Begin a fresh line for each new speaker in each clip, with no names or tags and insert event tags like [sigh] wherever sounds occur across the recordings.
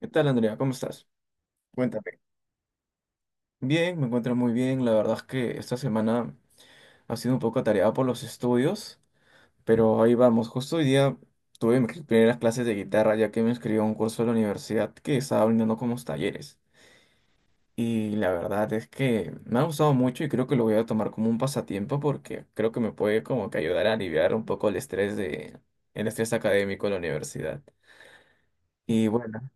¿Qué tal, Andrea? ¿Cómo estás? Cuéntame. Bien, me encuentro muy bien. La verdad es que esta semana ha sido un poco atareada por los estudios, pero ahí vamos. Justo hoy día tuve mis primeras clases de guitarra, ya que me inscribí a un curso de la universidad que estaba brindando como talleres. Y la verdad es que me ha gustado mucho y creo que lo voy a tomar como un pasatiempo porque creo que me puede como que ayudar a aliviar un poco el estrés académico de la universidad. Y bueno.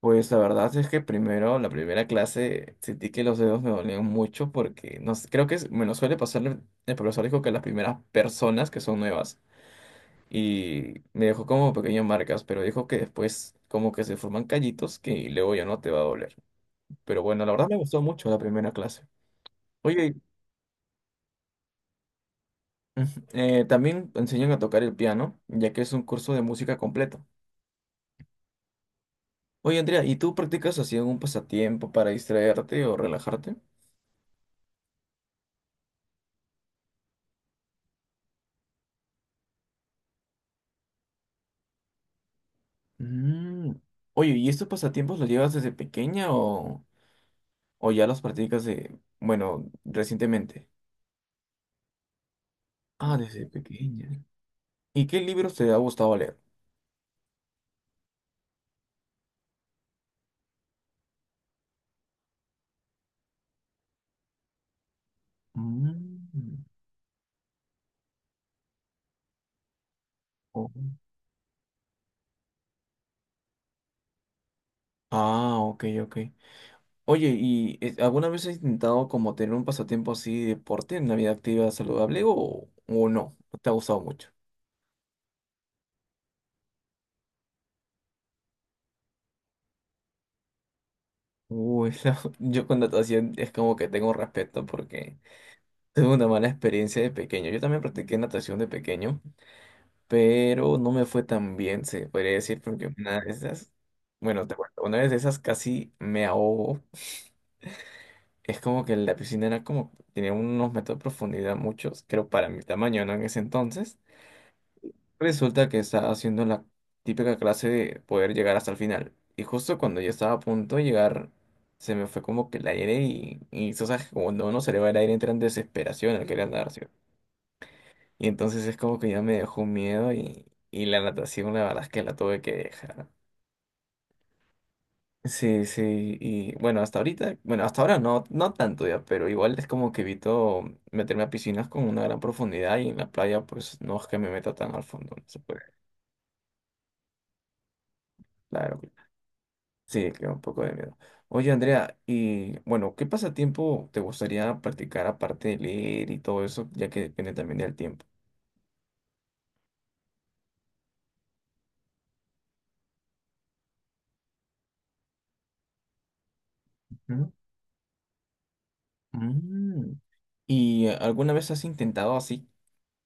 Pues la verdad es que primero, la primera clase, sentí que los dedos me dolían mucho porque no sé, creo que me lo suele pasar, el profesor dijo que las primeras personas que son nuevas y me dejó como pequeñas marcas, pero dijo que después como que se forman callitos que luego ya no te va a doler. Pero bueno, la verdad me gustó mucho la primera clase. Oye, también enseñan a tocar el piano, ya que es un curso de música completo. Oye, Andrea, ¿y tú practicas así algún pasatiempo para distraerte o relajarte? Mm. Oye, ¿y estos pasatiempos los llevas desde pequeña o ya los practicas de, bueno, recientemente? Ah, desde pequeña. ¿Y qué libros te ha gustado leer? Mm. Oh. Ah, ok, ok. Oye, ¿y alguna vez has intentado como tener un pasatiempo así de deporte, una vida activa saludable o no? ¿No ¿Te ha gustado mucho? Uy, [laughs] yo con natación es como que tengo respeto porque tuve una mala experiencia de pequeño. Yo también practiqué natación de pequeño, pero no me fue tan bien, se podría decir, porque bueno, te cuento, una vez de esas casi me ahogo. Es como que la piscina era como, tenía unos metros de profundidad, muchos, creo para mi tamaño, ¿no? En ese entonces. Resulta que estaba haciendo la típica clase de poder llegar hasta el final. Y justo cuando yo estaba a punto de llegar, se me fue como que el aire y tú sabes, que cuando uno se le va el aire entra en desesperación al querer nadar, ¿sí? Y entonces es como que ya me dejó un miedo, y la natación la verdad es que la tuve que dejar. Sí, sí, y bueno, hasta ahorita, bueno, hasta ahora no, no tanto ya, pero igual es como que evito meterme a piscinas con una gran profundidad y en la playa pues no es que me meta tan al fondo, no se puede, claro, sí, que un poco de miedo. Oye, Andrea, y bueno, ¿qué pasatiempo te gustaría practicar aparte de leer y todo eso, ya que depende también del tiempo? Ujú. Mm. ¿Y alguna vez has intentado así,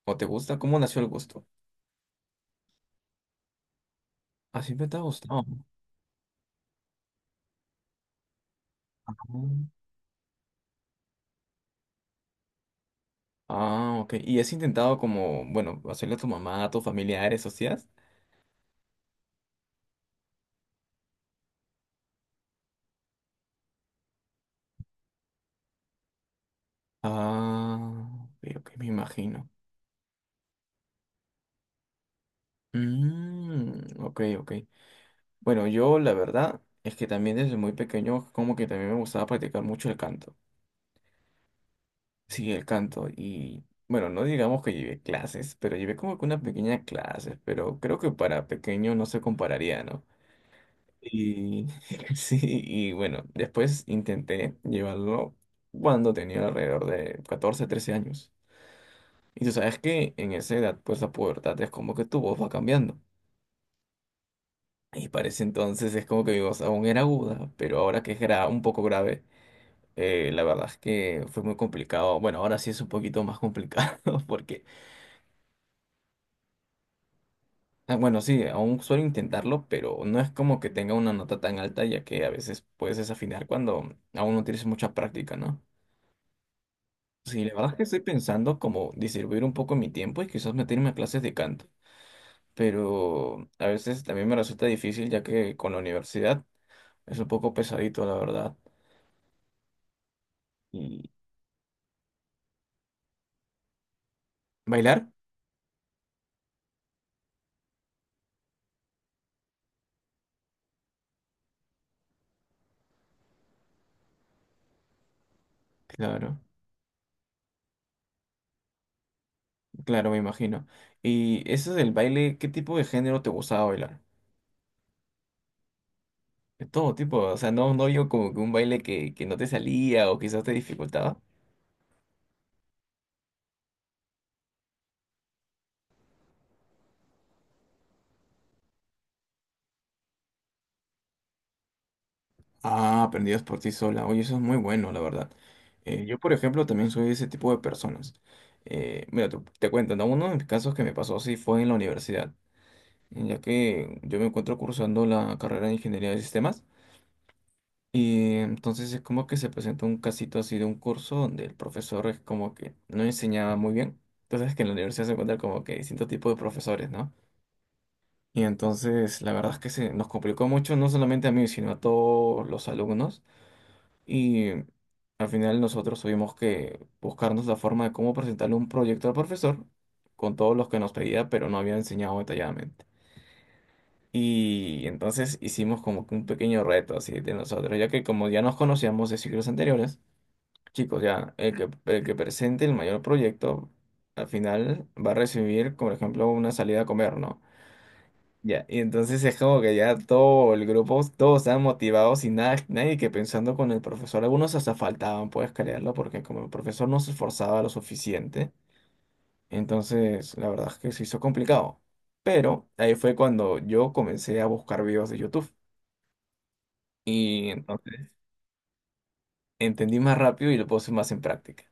o te gusta? ¿Cómo nació el gusto? Así me te ha gustado. Ah, ok. ¿Y has intentado como, bueno, hacerle a tu mamá, a tus familiares, socias? Ah, ok, ok, me imagino. Mm, ok, ok. Bueno, yo la verdad es que también desde muy pequeño como que también me gustaba practicar mucho el canto. Sí, el canto. Y bueno, no digamos que llevé clases, pero llevé como que unas pequeñas clases, pero creo que para pequeño no se compararía, ¿no? Y [laughs] sí, y bueno, después intenté llevarlo cuando tenía alrededor de 14 13 años. Y tú sabes que en esa edad, pues la pubertad es como que tu voz va cambiando. Y parece entonces es como que mi voz aún era aguda, pero ahora que un poco grave, la verdad es que fue muy complicado. Bueno, ahora sí es un poquito más complicado [laughs] porque, ah, bueno, sí, aún suelo intentarlo, pero no es como que tenga una nota tan alta, ya que a veces puedes desafinar cuando aún no tienes mucha práctica, ¿no? Sí, la verdad es que estoy pensando como distribuir un poco mi tiempo y quizás meterme a clases de canto, pero a veces también me resulta difícil ya que con la universidad es un poco pesadito, la verdad. ¿Y bailar? Claro, claro, me imagino. ¿Y eso del baile, qué tipo de género te gustaba bailar? De todo tipo, o sea, no, no yo como que un baile que no te salía o quizás te dificultaba. Ah, aprendidas por ti sola. Oye, eso es muy bueno, la verdad. Yo, por ejemplo, también soy de ese tipo de personas. Mira, te cuento, ¿no? Uno de mis casos que me pasó así fue en la universidad, ya que yo me encuentro cursando la carrera de Ingeniería de Sistemas. Y entonces es como que se presentó un casito así de un curso donde el profesor es como que no enseñaba muy bien. Entonces que en la universidad se encuentran como que distintos tipos de profesores, ¿no? Y entonces la verdad es que se nos complicó mucho, no solamente a mí, sino a todos los alumnos. Y al final nosotros tuvimos que buscarnos la forma de cómo presentarle un proyecto al profesor con todos los que nos pedía, pero no había enseñado detalladamente. Y entonces hicimos como que un pequeño reto así de nosotros, ya que como ya nos conocíamos de ciclos anteriores, chicos, ya el que presente el mayor proyecto al final va a recibir, por ejemplo, una salida a comer, ¿no? Ya, y entonces es como que ya todo el grupo, todos estaban motivados y nada, nadie que pensando con el profesor. Algunos hasta faltaban, puedes creerlo, porque como el profesor no se esforzaba lo suficiente, entonces la verdad es que se hizo complicado. Pero ahí fue cuando yo comencé a buscar videos de YouTube y entonces entendí más rápido y lo puse más en práctica.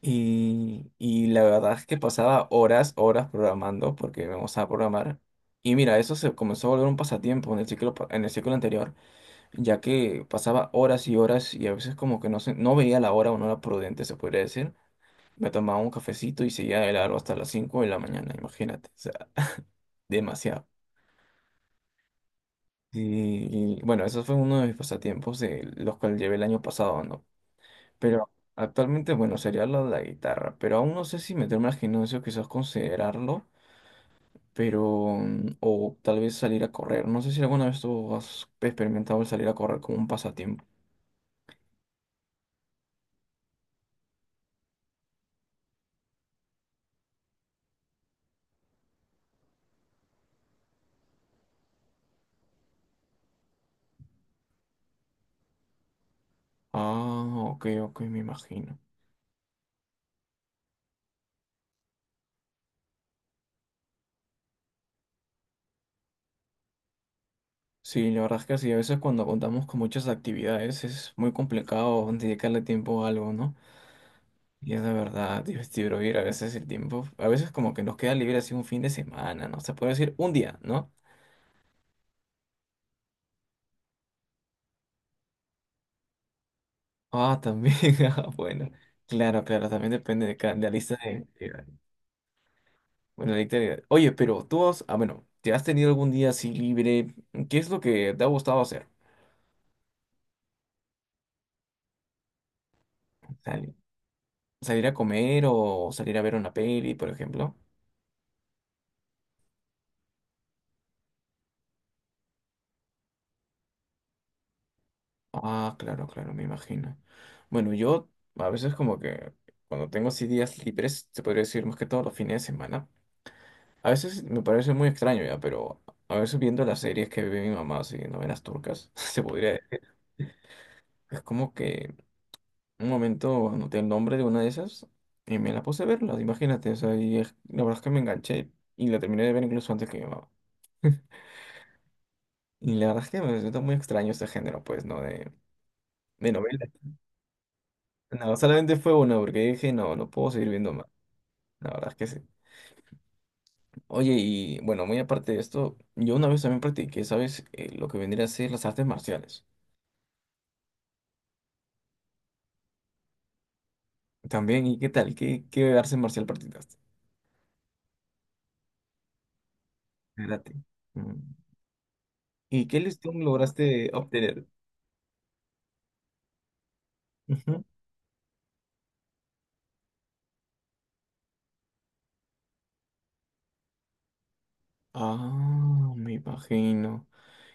Y la verdad es que pasaba horas, horas programando, porque vamos a programar. Y mira, eso se comenzó a volver un pasatiempo en el ciclo, en el ciclo anterior, ya que pasaba horas y horas y a veces como que no, no veía la hora o no era prudente, se podría decir. Me tomaba un cafecito y seguía de largo hasta las 5 de la mañana, imagínate, o sea, demasiado. Bueno, eso fue uno de mis pasatiempos, de los cuales llevé el año pasado, ¿no? Pero actualmente, bueno, sería lo de la guitarra, pero aún no sé si meterme al gimnasio, quizás considerarlo, pero, mm, o tal vez salir a correr. No sé si alguna vez tú has experimentado el salir a correr como un pasatiempo. Ah, ok, ok, me imagino. Sí, la verdad es que sí, a veces cuando contamos con muchas actividades es muy complicado dedicarle tiempo a algo, ¿no? Y es de verdad divertido ir a veces el tiempo. A veces como que nos queda libre así un fin de semana, ¿no? Se puede decir un día, ¿no? Ah, también, [laughs] ah, bueno. Claro, claro, también depende de, de la lista de... bueno, Oye, pero tú has... Ah, bueno, ¿te has tenido algún día así libre? ¿Qué es lo que te ha gustado hacer? Sal- ¿Salir a comer o salir a ver una peli, por ejemplo? Ah, claro, claro, me imagino. Bueno, yo a veces como que cuando tengo así días libres, se podría decir más que todos los fines de semana. A veces me parece muy extraño ya, pero a veces viendo las series que ve mi mamá, así, novelas turcas, [laughs] se podría decir. Es como que un momento anoté el nombre de una de esas y me la puse a verla, imagínate. O sea, y la verdad es que me enganché y la terminé de ver incluso antes que mi mamá. Y la verdad es que me resulta muy extraño este género, pues, ¿no? De novelas. No, solamente fue una porque dije, no, no puedo seguir viendo más. La verdad es que sí. Oye, y bueno, muy aparte de esto, yo una vez también practiqué, ¿sabes? Lo que vendría a ser las artes marciales. También, ¿y qué tal? ¿Qué arte marcial practicaste? Karate. Mm. ¿Y qué listón lograste obtener? Ujú. Ah, me imagino.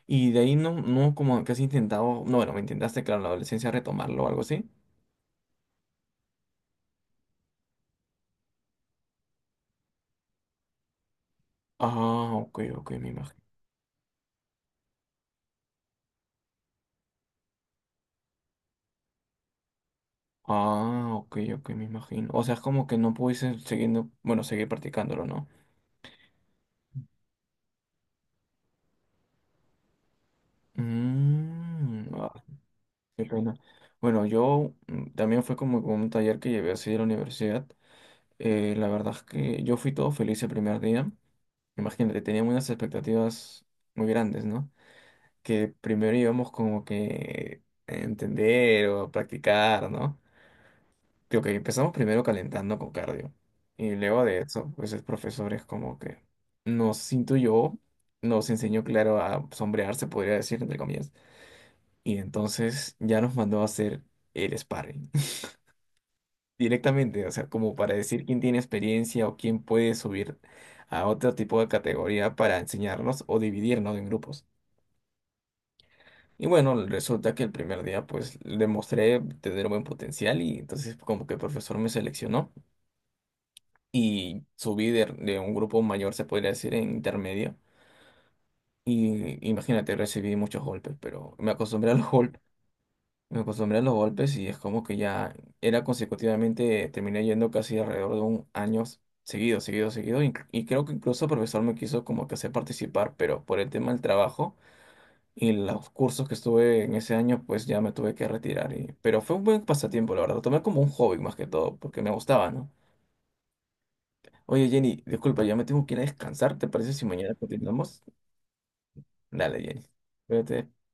Y de ahí no, no como que has intentado, no, bueno, me intentaste, claro, en la adolescencia retomarlo o algo así. Ah, ok, ok, me imagino. Ah, ok, ok, me imagino. O sea, es como que no pudiste siguiendo bueno, seguir practicándolo, ¿no? Mm, ah. Qué pena. Bueno, yo mm, también fue como un taller que llevé así de la universidad. La verdad es que yo fui todo feliz el primer día. Imagínate, teníamos unas expectativas muy grandes, ¿no? Que primero íbamos como que a entender o a practicar, ¿no? Creo que empezamos primero calentando con cardio. Y luego de eso, pues el profesor es como que nos intuyó, nos enseñó, claro, a sombrear se podría decir, entre comillas. Y entonces ya nos mandó a hacer el sparring directamente, o sea, como para decir quién tiene experiencia o quién puede subir a otro tipo de categoría para enseñarnos o dividirnos en grupos. Y bueno, resulta que el primer día pues demostré tener buen potencial y entonces como que el profesor me seleccionó y subí de un grupo mayor, se podría decir, en intermedio. Y imagínate, recibí muchos golpes, pero me acostumbré a los [laughs] golpes. Me acostumbré a los golpes y es como que ya era consecutivamente, terminé yendo casi alrededor de un año seguido, seguido, seguido. Y creo que incluso el profesor me quiso como que hacer participar, pero por el tema del trabajo y los cursos que estuve en ese año, pues ya me tuve que retirar. Y, pero fue un buen pasatiempo, la verdad. Lo tomé como un hobby más que todo, porque me gustaba, ¿no? Oye, Jenny, disculpa, ya me tengo que ir a descansar. ¿Te parece si mañana continuamos? Dale, Jenny. Cuídate.